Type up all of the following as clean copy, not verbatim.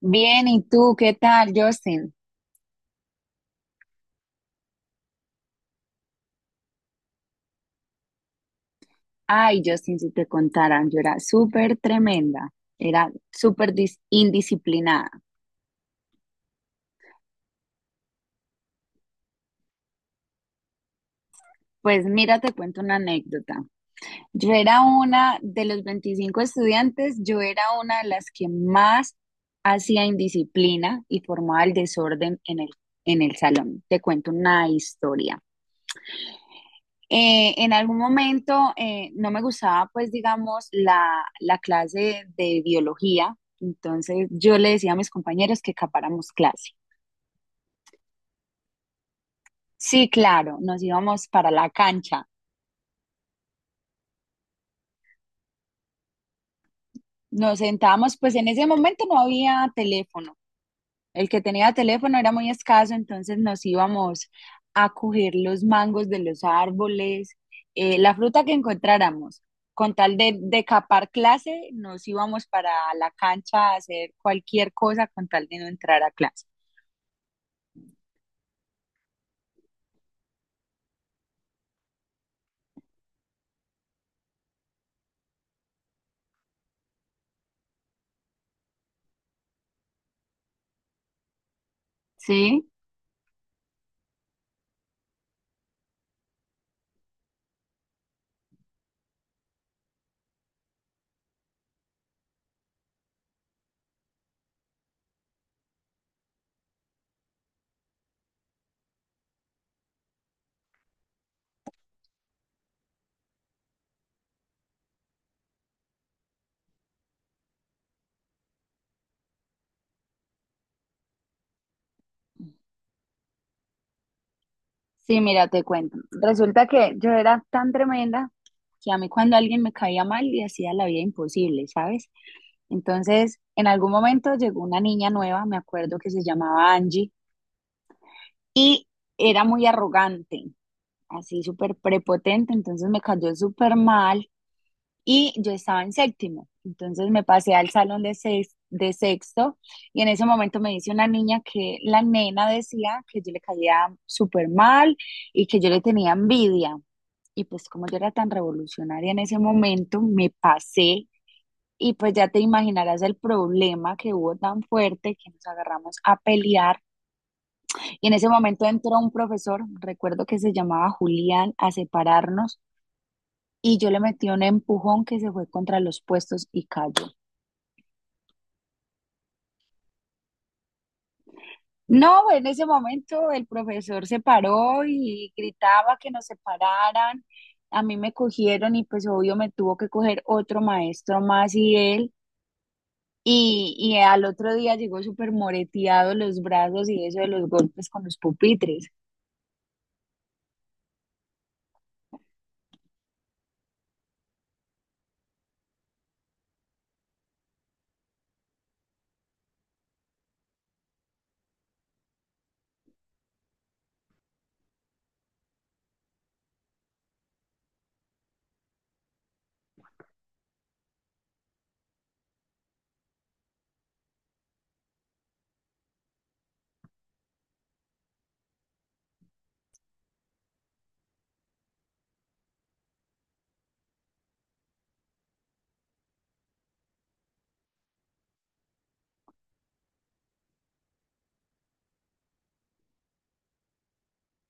Bien, ¿y tú qué tal, Justin? Ay, Justin, si te contaran, yo era súper tremenda, era súper indisciplinada. Pues mira, te cuento una anécdota. Yo era una de los 25 estudiantes, yo era una de las que más hacía indisciplina y formaba el desorden en el salón. Te cuento una historia. En algún momento no me gustaba, pues, digamos, la clase de biología. Entonces yo le decía a mis compañeros que capáramos clase. Sí, claro, nos íbamos para la cancha. Nos sentábamos, pues en ese momento no había teléfono. El que tenía teléfono era muy escaso, entonces nos íbamos a coger los mangos de los árboles, la fruta que encontráramos. Con tal de capar clase, nos íbamos para la cancha a hacer cualquier cosa con tal de no entrar a clase. Sí, sí, mira, te cuento. Resulta que yo era tan tremenda que a mí cuando alguien me caía mal le hacía la vida imposible, ¿sabes? Entonces, en algún momento llegó una niña nueva, me acuerdo que se llamaba Angie, y era muy arrogante, así súper prepotente, entonces me cayó súper mal y yo estaba en séptimo. Entonces me pasé al salón de, de sexto y en ese momento me dice una niña que la nena decía que yo le caía súper mal y que yo le tenía envidia. Y pues como yo era tan revolucionaria en ese momento, me pasé y pues ya te imaginarás el problema que hubo tan fuerte que nos agarramos a pelear y en ese momento entró un profesor, recuerdo que se llamaba Julián, a separarnos y yo le metí un empujón que se fue contra los puestos y cayó. No, en ese momento el profesor se paró y gritaba que nos separaran. A mí me cogieron y pues obvio me tuvo que coger otro maestro más y él. Y al otro día llegó súper moreteado los brazos y eso de los golpes con los pupitres.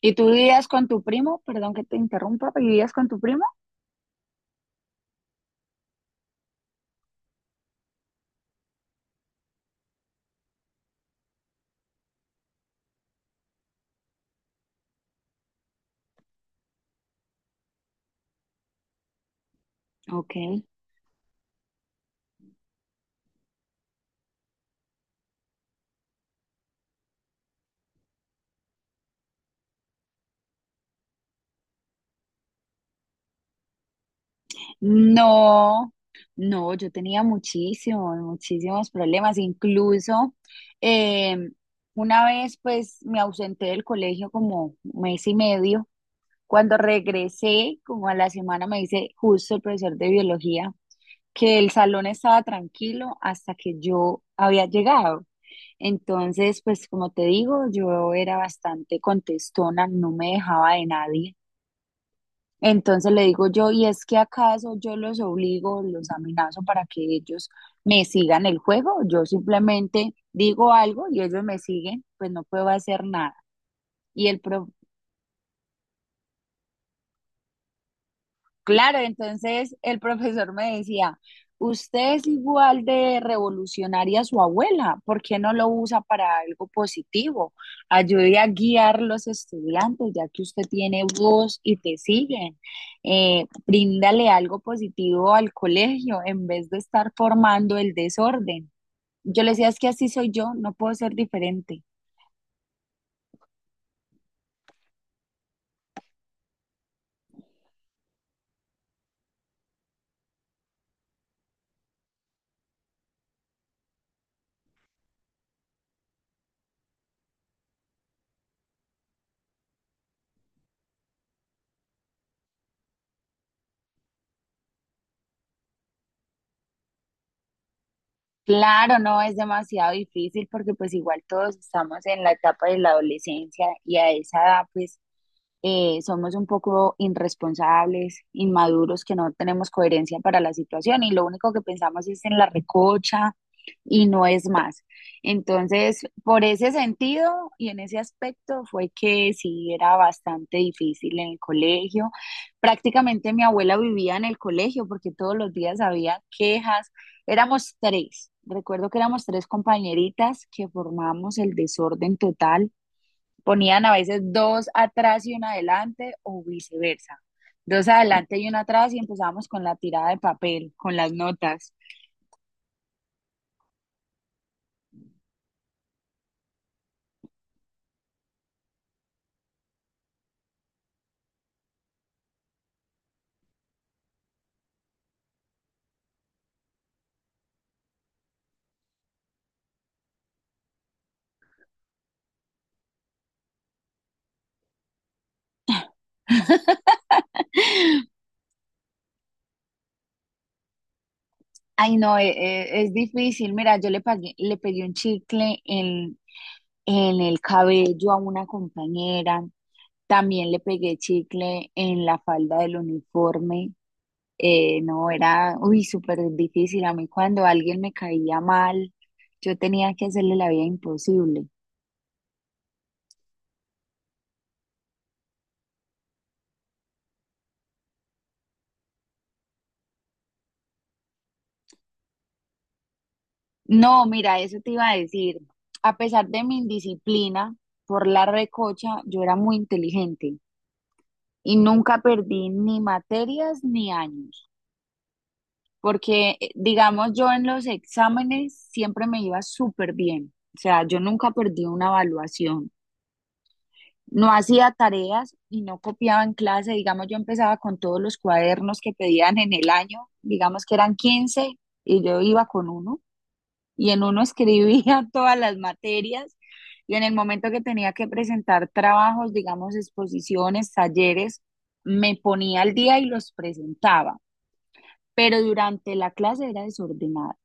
¿Y tú vivías con tu primo? Perdón que te interrumpa, ¿vivías con tu primo? Ok. No, no, yo tenía muchísimos, muchísimos problemas. Incluso em, una vez pues me ausenté del colegio como mes y medio. Cuando regresé, como a la semana, me dice justo el profesor de biología que el salón estaba tranquilo hasta que yo había llegado. Entonces, pues como te digo, yo era bastante contestona, no me dejaba de nadie. Entonces le digo yo, ¿y es que acaso yo los obligo, los amenazo para que ellos me sigan el juego? Yo simplemente digo algo y ellos me siguen, pues no puedo hacer nada. Y el, pro- Claro, entonces el profesor me decía, usted es igual de revolucionaria a su abuela, ¿por qué no lo usa para algo positivo? Ayude a guiar los estudiantes, ya que usted tiene voz y te siguen. Bríndale algo positivo al colegio en vez de estar formando el desorden. Yo le decía, es que así soy yo, no puedo ser diferente. Claro, no es demasiado difícil porque pues igual todos estamos en la etapa de la adolescencia y a esa edad pues somos un poco irresponsables, inmaduros, que no tenemos coherencia para la situación y lo único que pensamos es en la recocha y no es más. Entonces, por ese sentido y en ese aspecto fue que sí era bastante difícil en el colegio. Prácticamente mi abuela vivía en el colegio porque todos los días había quejas. Éramos tres. Recuerdo que éramos tres compañeritas que formamos el desorden total ponían a veces dos atrás y una adelante o viceversa. Dos adelante y una atrás y empezábamos con la tirada de papel, con las notas. Ay, no, es, difícil. Mira, yo le pegué un chicle en el cabello a una compañera. También le pegué chicle en la falda del uniforme. No, era, uy, súper difícil. A mí cuando alguien me caía mal, yo tenía que hacerle la vida imposible. No, mira, eso te iba a decir. A pesar de mi indisciplina por la recocha, yo era muy inteligente y nunca perdí ni materias ni años, porque digamos yo en los exámenes siempre me iba súper bien. O sea, yo nunca perdí una evaluación. No hacía tareas y no copiaba en clase. Digamos, yo empezaba con todos los cuadernos que pedían en el año, digamos que eran 15 y yo iba con uno. Y en uno escribía todas las materias y en el momento que tenía que presentar trabajos, digamos, exposiciones, talleres, me ponía al día y los presentaba, pero durante la clase era desordenada.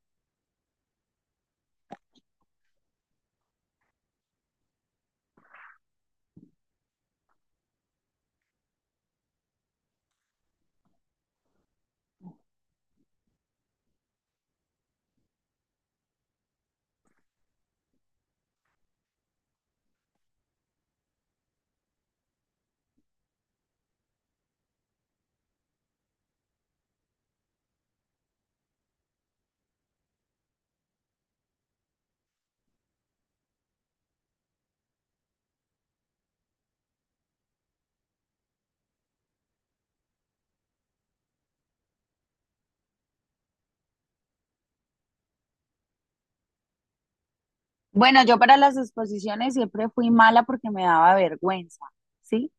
Bueno, yo para las exposiciones siempre fui mala porque me daba vergüenza, ¿sí?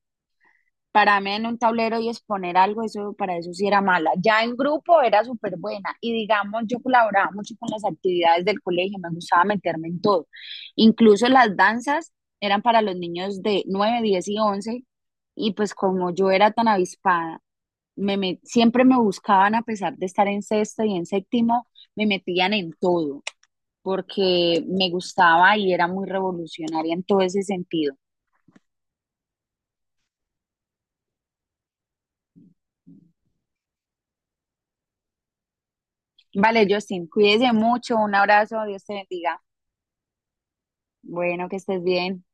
Para mí en un tablero y exponer algo, eso para eso sí era mala. Ya en grupo era súper buena y digamos, yo colaboraba mucho con las actividades del colegio, me gustaba meterme en todo. Incluso las danzas eran para los niños de 9 10 y 11 y pues como yo era tan avispada, siempre me buscaban a pesar de estar en sexto y en séptimo, me metían en todo porque me gustaba y era muy revolucionaria en todo ese sentido. Vale, Justin, cuídese mucho, un abrazo, Dios te bendiga. Bueno, que estés bien.